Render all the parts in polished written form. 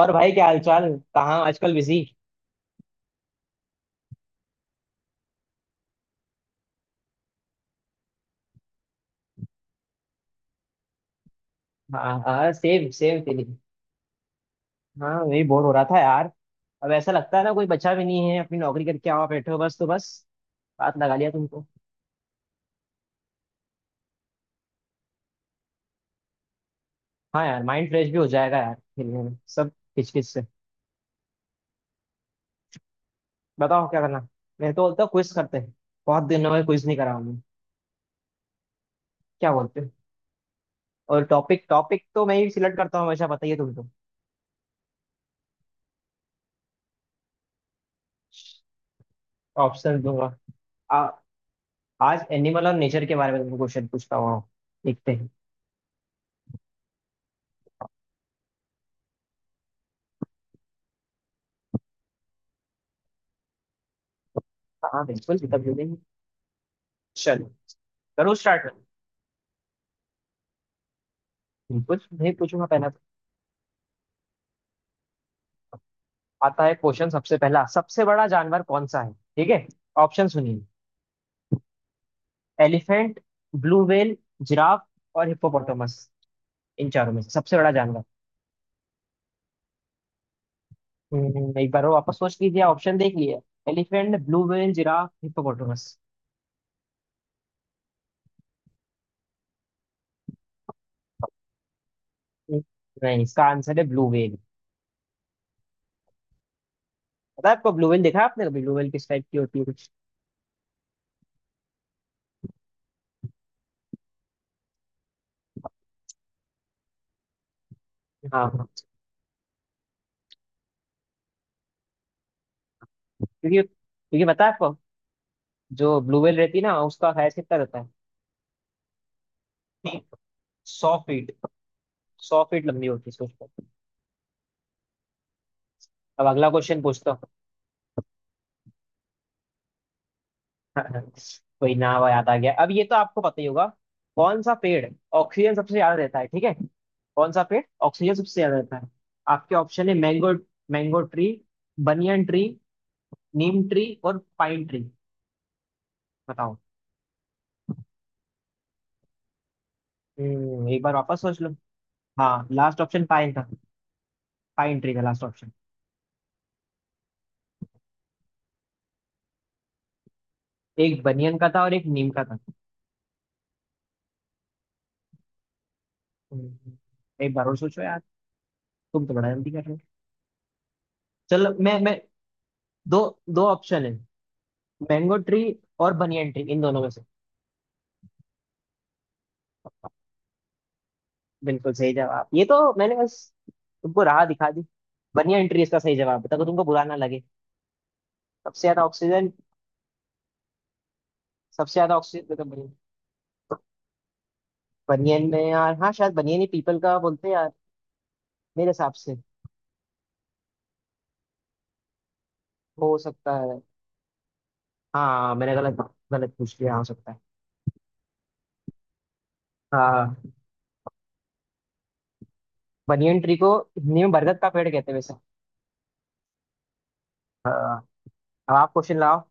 और भाई, क्या हालचाल? कहाँ आजकल बिजी? हाँ हाँ, सेम सेम फीलिंग। हाँ, वही बोर हो रहा था यार। अब ऐसा लगता है ना, कोई बच्चा भी नहीं है, अपनी नौकरी करके आओ बैठे हो, बस, तो बस बात लगा लिया तुमको। हाँ यार, माइंड फ्रेश भी हो जाएगा यार, खेलने में सब किचकिच से। बताओ क्या करना। मैं तो बोलता हूँ क्विज करते हैं। बहुत दिन हो गए, क्विज नहीं करा हमने। क्या बोलते हो? और टॉपिक टॉपिक तो मैं ही सिलेक्ट करता हूँ हमेशा, बताइए तुमको। ऑप्शन दूंगा। आ, आज एनिमल और नेचर के बारे में तुमको क्वेश्चन पूछता हूँ। देखते हैं। हाँ बिल्कुल, तब बिल्कुल। चलो करो स्टार्ट। कुछ नहीं, पूछूंगा पहला तो। आता है क्वेश्चन सबसे पहला। सबसे बड़ा जानवर कौन सा है, ठीक है? ऑप्शन सुनिए। एलिफेंट, ब्लू व्हेल, जिराफ और हिप्पोपोटामस। इन चारों में से सबसे बड़ा जानवर? एक बार और वापस सोच लीजिए, ऑप्शन देख लिए। Elephant, blue whale, giraffe, hippopotamus. नहीं, इसका आंसर है ब्लू व्हेल। पता है आपको? ब्लू व्हेल देखा है आपने कभी? ब्लू व्हेल किस टाइप की होती है, कुछ? हाँ हाँ। क्योंकि क्योंकि पता है आपको, जो ब्लू व्हेल रहती है ना, उसका हाइट कितना रहता है? 100 फीट। 100 फीट लंबी होती है, सोचो। अब अगला क्वेश्चन पूछता हूँ। कोई ना, वो याद आ गया। अब ये तो आपको पता ही होगा। कौन सा पेड़ ऑक्सीजन सबसे ज्यादा देता है, ठीक है? कौन सा पेड़ ऑक्सीजन सबसे ज्यादा देता है? आपके ऑप्शन है mango mango tree, banyan tree, neem tree और पाइन ट्री। बताओ। एक बार वापस सोच लो। हाँ, लास्ट ऑप्शन पाइन था। पाइन ट्री था लास्ट ऑप्शन। एक बनियन का था और एक नीम का था। हम्म, एक बार और सोचो यार। तुम तो बड़ा जल्दी कर रहे हो। चलो, मैं दो दो ऑप्शन है। मैंगो ट्री और बनियन ट्री, इन दोनों में से। बिल्कुल सही जवाब, ये तो मैंने बस तुमको राह दिखा दी। बनियन ट्री इसका सही जवाब है, ताकि तुमको बुरा ना लगे। सबसे ज्यादा ऑक्सीजन। सबसे ज्यादा ऑक्सीजन तो बनियन। बनियन में यार, हाँ शायद बनियन ही पीपल का बोलते हैं यार। मेरे हिसाब से। हो सकता है। हाँ मैंने गलत गलत पूछ लिया, हो सकता है। हाँ। बनियन ट्री को हिंदी में बरगद का पेड़ कहते हैं वैसे। हाँ। अब आप क्वेश्चन लाओ।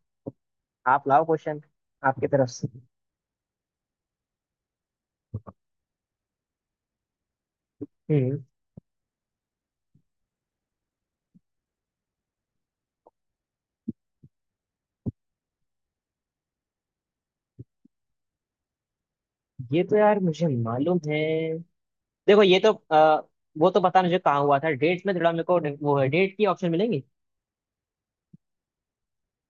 आप लाओ क्वेश्चन। आपकी तरफ से। हम्म। ये तो यार मुझे मालूम है। देखो ये तो वो तो पता नहीं मुझे कहाँ हुआ था, डेट्स में थोड़ा मेरे को। वो है, डेट की ऑप्शन मिलेंगी?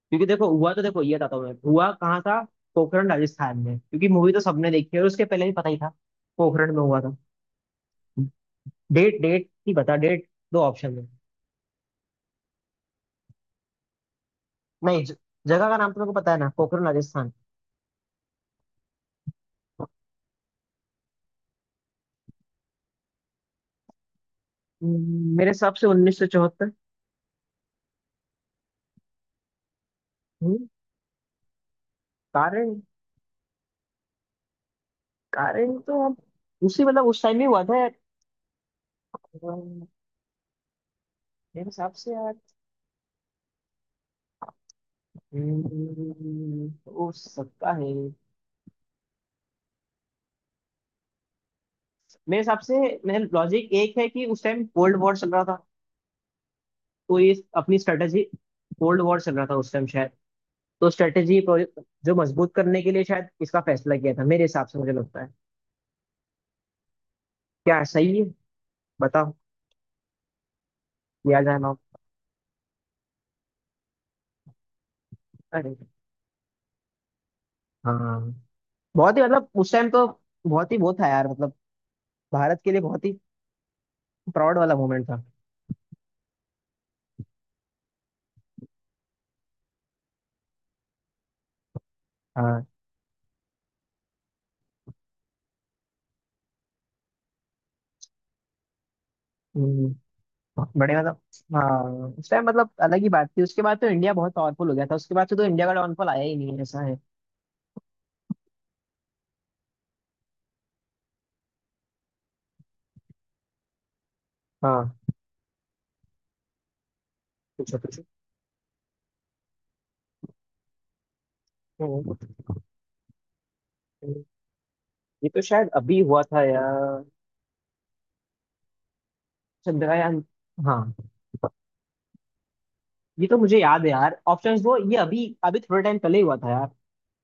क्योंकि देखो हुआ तो, देखो ये बताता हूँ मैं, हुआ कहाँ था। पोखरण राजस्थान में, क्योंकि मूवी तो सबने देखी है और उसके पहले भी पता ही था। पोखरण में हुआ था। डेट, डेट ही बता, डेट। दो ऑप्शन में। नहीं, जगह का नाम तो मेरे को पता है ना, पोखरण राजस्थान। मेरे हिसाब से 1974। कारण। कारण तो अब, उसी मतलब उस टाइम ही हुआ था यार। अम, मेरे हिसाब से यार। हम्म, हो सकता है। मेरे हिसाब से। मेरा लॉजिक एक है कि उस टाइम कोल्ड वॉर चल रहा था। तो ये अपनी स्ट्रेटेजी, कोल्ड वॉर चल रहा था उस टाइम शायद। तो स्ट्रेटेजी, जो मजबूत करने के लिए शायद इसका फैसला किया था, मेरे हिसाब से मुझे लगता है। क्या, सही है? बताओ, या जाना। अरे, हाँ। बहुत ही मतलब, उस टाइम तो बहुत ही वो था यार, मतलब भारत के लिए बहुत ही प्राउड वाला मोमेंट था। हाँ। हम्म, बड़े मतलब, हाँ उस टाइम मतलब अलग ही बात थी। उसके बाद तो इंडिया बहुत पावरफुल हो गया था, उसके बाद से तो इंडिया का डाउनफॉल आया ही नहीं है, ऐसा है। हाँ, पूछो। हम्म, हम्म। ये तो शायद अभी हुआ था यार। चंद्रयान। हाँ। ये तो मुझे याद है यार, ऑप्शंस दो, ये अभी अभी थोड़े टाइम पहले ही हुआ था यार।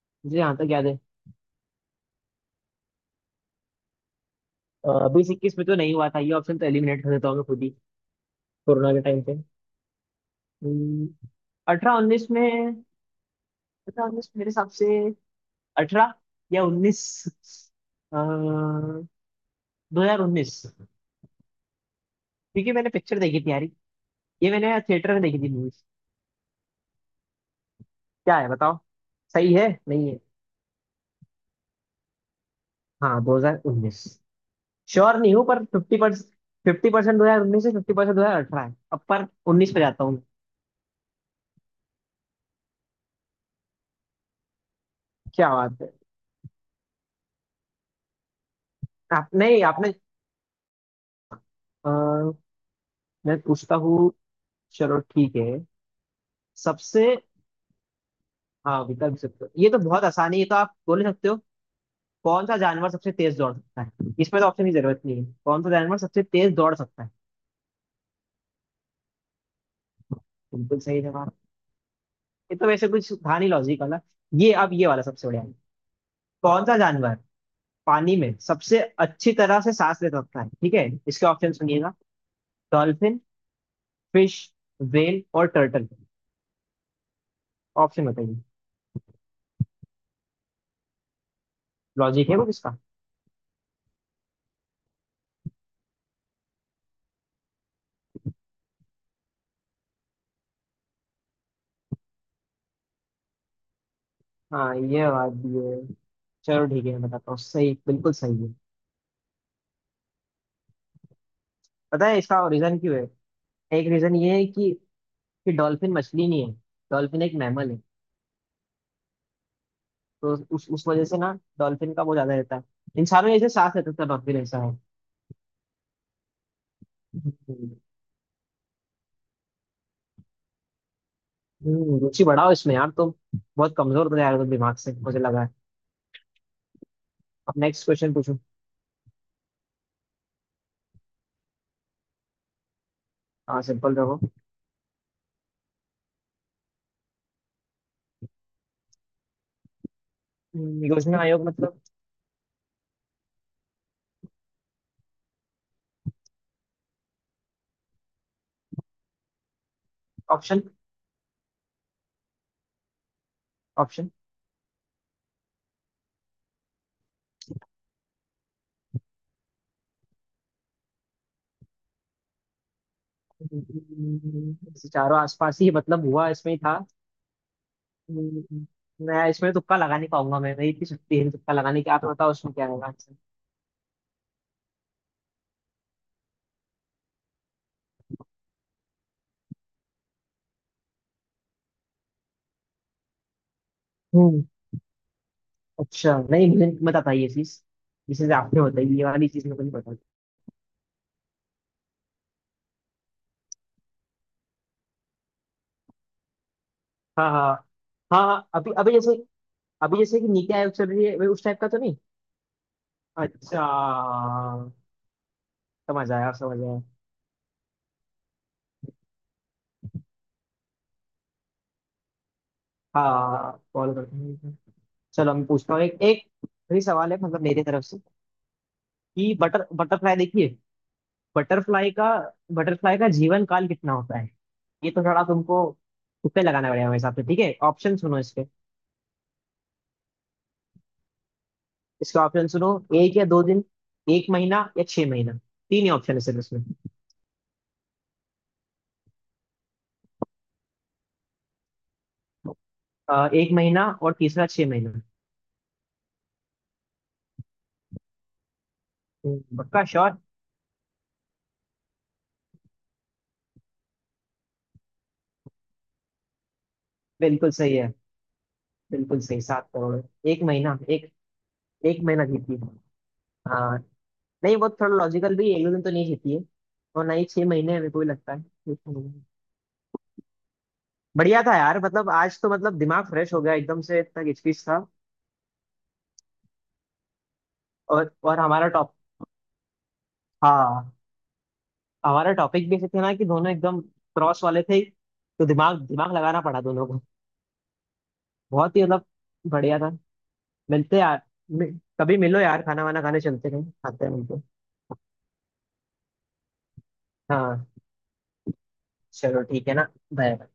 मुझे यहाँ तक याद है। 2021 में तो नहीं हुआ था, ये ऑप्शन तो एलिमिनेट कर देता हूँ मैं खुद ही। कोरोना के टाइम पे। हम्म, 18-19 में। 18-19 मेरे हिसाब से। अठारह या उन्नीस। 2019, क्योंकि मैंने पिक्चर देखी थी यार। ये मैंने थिएटर में देखी थी मूवी। क्या है, बताओ। सही है नहीं है? हाँ 2019। श्योर नहीं हूँ पर 50%। 50% 2019 से, 50% 2018 है, अब पर उन्नीस पे जाता हूँ मैं। क्या बात है। आप नहीं, आपने। अ, मैं पूछता हूँ। चलो ठीक है। सबसे, हाँ विकल्प सकते हो, ये तो बहुत आसानी है, ये तो आप बोल ही सकते हो। कौन सा जानवर सबसे तेज दौड़ सकता है? इसमें तो ऑप्शन की जरूरत नहीं है, कौन सा जानवर सबसे तेज दौड़ सकता है? बिल्कुल सही जवाब। ये तो वैसे कुछ था नहीं लॉजिक वाला। ये अब ये वाला सबसे बढ़िया है। कौन सा जानवर पानी में सबसे अच्छी तरह से सांस ले सकता है, ठीक है? इसके ऑप्शन सुनिएगा। डॉल्फिन, फिश, वेल और टर्टल। ऑप्शन बताइए। लॉजिक है वो किसका? हाँ, ये बात भी है। चलो ठीक है, मैं बताता हूँ सही, बिल्कुल सही है। पता है इसका रीजन क्यों है? एक रीजन ये है कि डॉल्फिन मछली नहीं है। डॉल्फिन एक मैमल है। तो उस वजह से ना, डॉल्फिन का वो ज्यादा रहता है। इंसानों जैसे सांस रहता था डॉल्फिन, ऐसा है। रुचि बढ़ाओ इसमें यार तुम। बहुत कमजोर तो यार हो तुम दिमाग से, मुझे लगा है। अब नेक्स्ट क्वेश्चन पूछो। हाँ, सिंपल रहो। योजना आयोग मतलब? Option, option? चारों आसपास ही, मतलब हुआ इसमें ही था। हम्म, मैं इसमें तुक्का लगा नहीं पाऊंगा, मैं, मेरी इतनी शक्ति है तुक्का लगाने की। आप बताओ उसमें क्या होगा आंसर। हम्म। अच्छा नहीं, मुझे मत आता ये चीज, जिसे आपने बताई ये वाली चीज मुझे नहीं पता। हाँ हाँ हाँ हाँ, अभी अभी जैसे, अभी जैसे कि नीति आयोग चल रही है, वही उस टाइप का तो नहीं? अच्छा। समझ आया, समझ आया। हाँ, फॉलो करते हैं। चलो मैं पूछता हूँ एक एक। फिर सवाल है मतलब मेरी तरफ से, कि बटरफ्लाई देखिए। बटरफ्लाई का, बटरफ्लाई का जीवन काल कितना होता है? ये तो थोड़ा तुमको तुक्के लगाना पड़ेगा मेरे हिसाब से, ठीक है? ऑप्शन सुनो इसके। इसके ऑप्शन सुनो। एक या दो दिन, एक महीना या छह महीना। तीन ही ऑप्शन है सिर्फ इसमें। एक महीना और तीसरा छह महीना। पक्का श्योर? बिल्कुल सही है। बिल्कुल सही, 7 करोड़ है। एक महीना, एक एक महीना जीती है। हाँ। नहीं, वो थोड़ा लॉजिकल भी है, एक दो दिन तो नहीं जीती है, और ना ही छह महीने, मेरे को भी लगता है। बढ़िया था यार, मतलब आज तो मतलब दिमाग फ्रेश हो गया एकदम से, इतना किचकिच था। और हमारा टॉप, हाँ हमारा टॉपिक भी ऐसे थे ना कि दोनों एकदम क्रॉस वाले थे। तो दिमाग दिमाग लगाना पड़ा दोनों को। बहुत ही मतलब बढ़िया था। मिलते यार। मि- कभी मिलो यार, खाना वाना खाने चलते, कहीं खाते हैं, मिलते। हाँ। चलो ठीक है ना। बाय।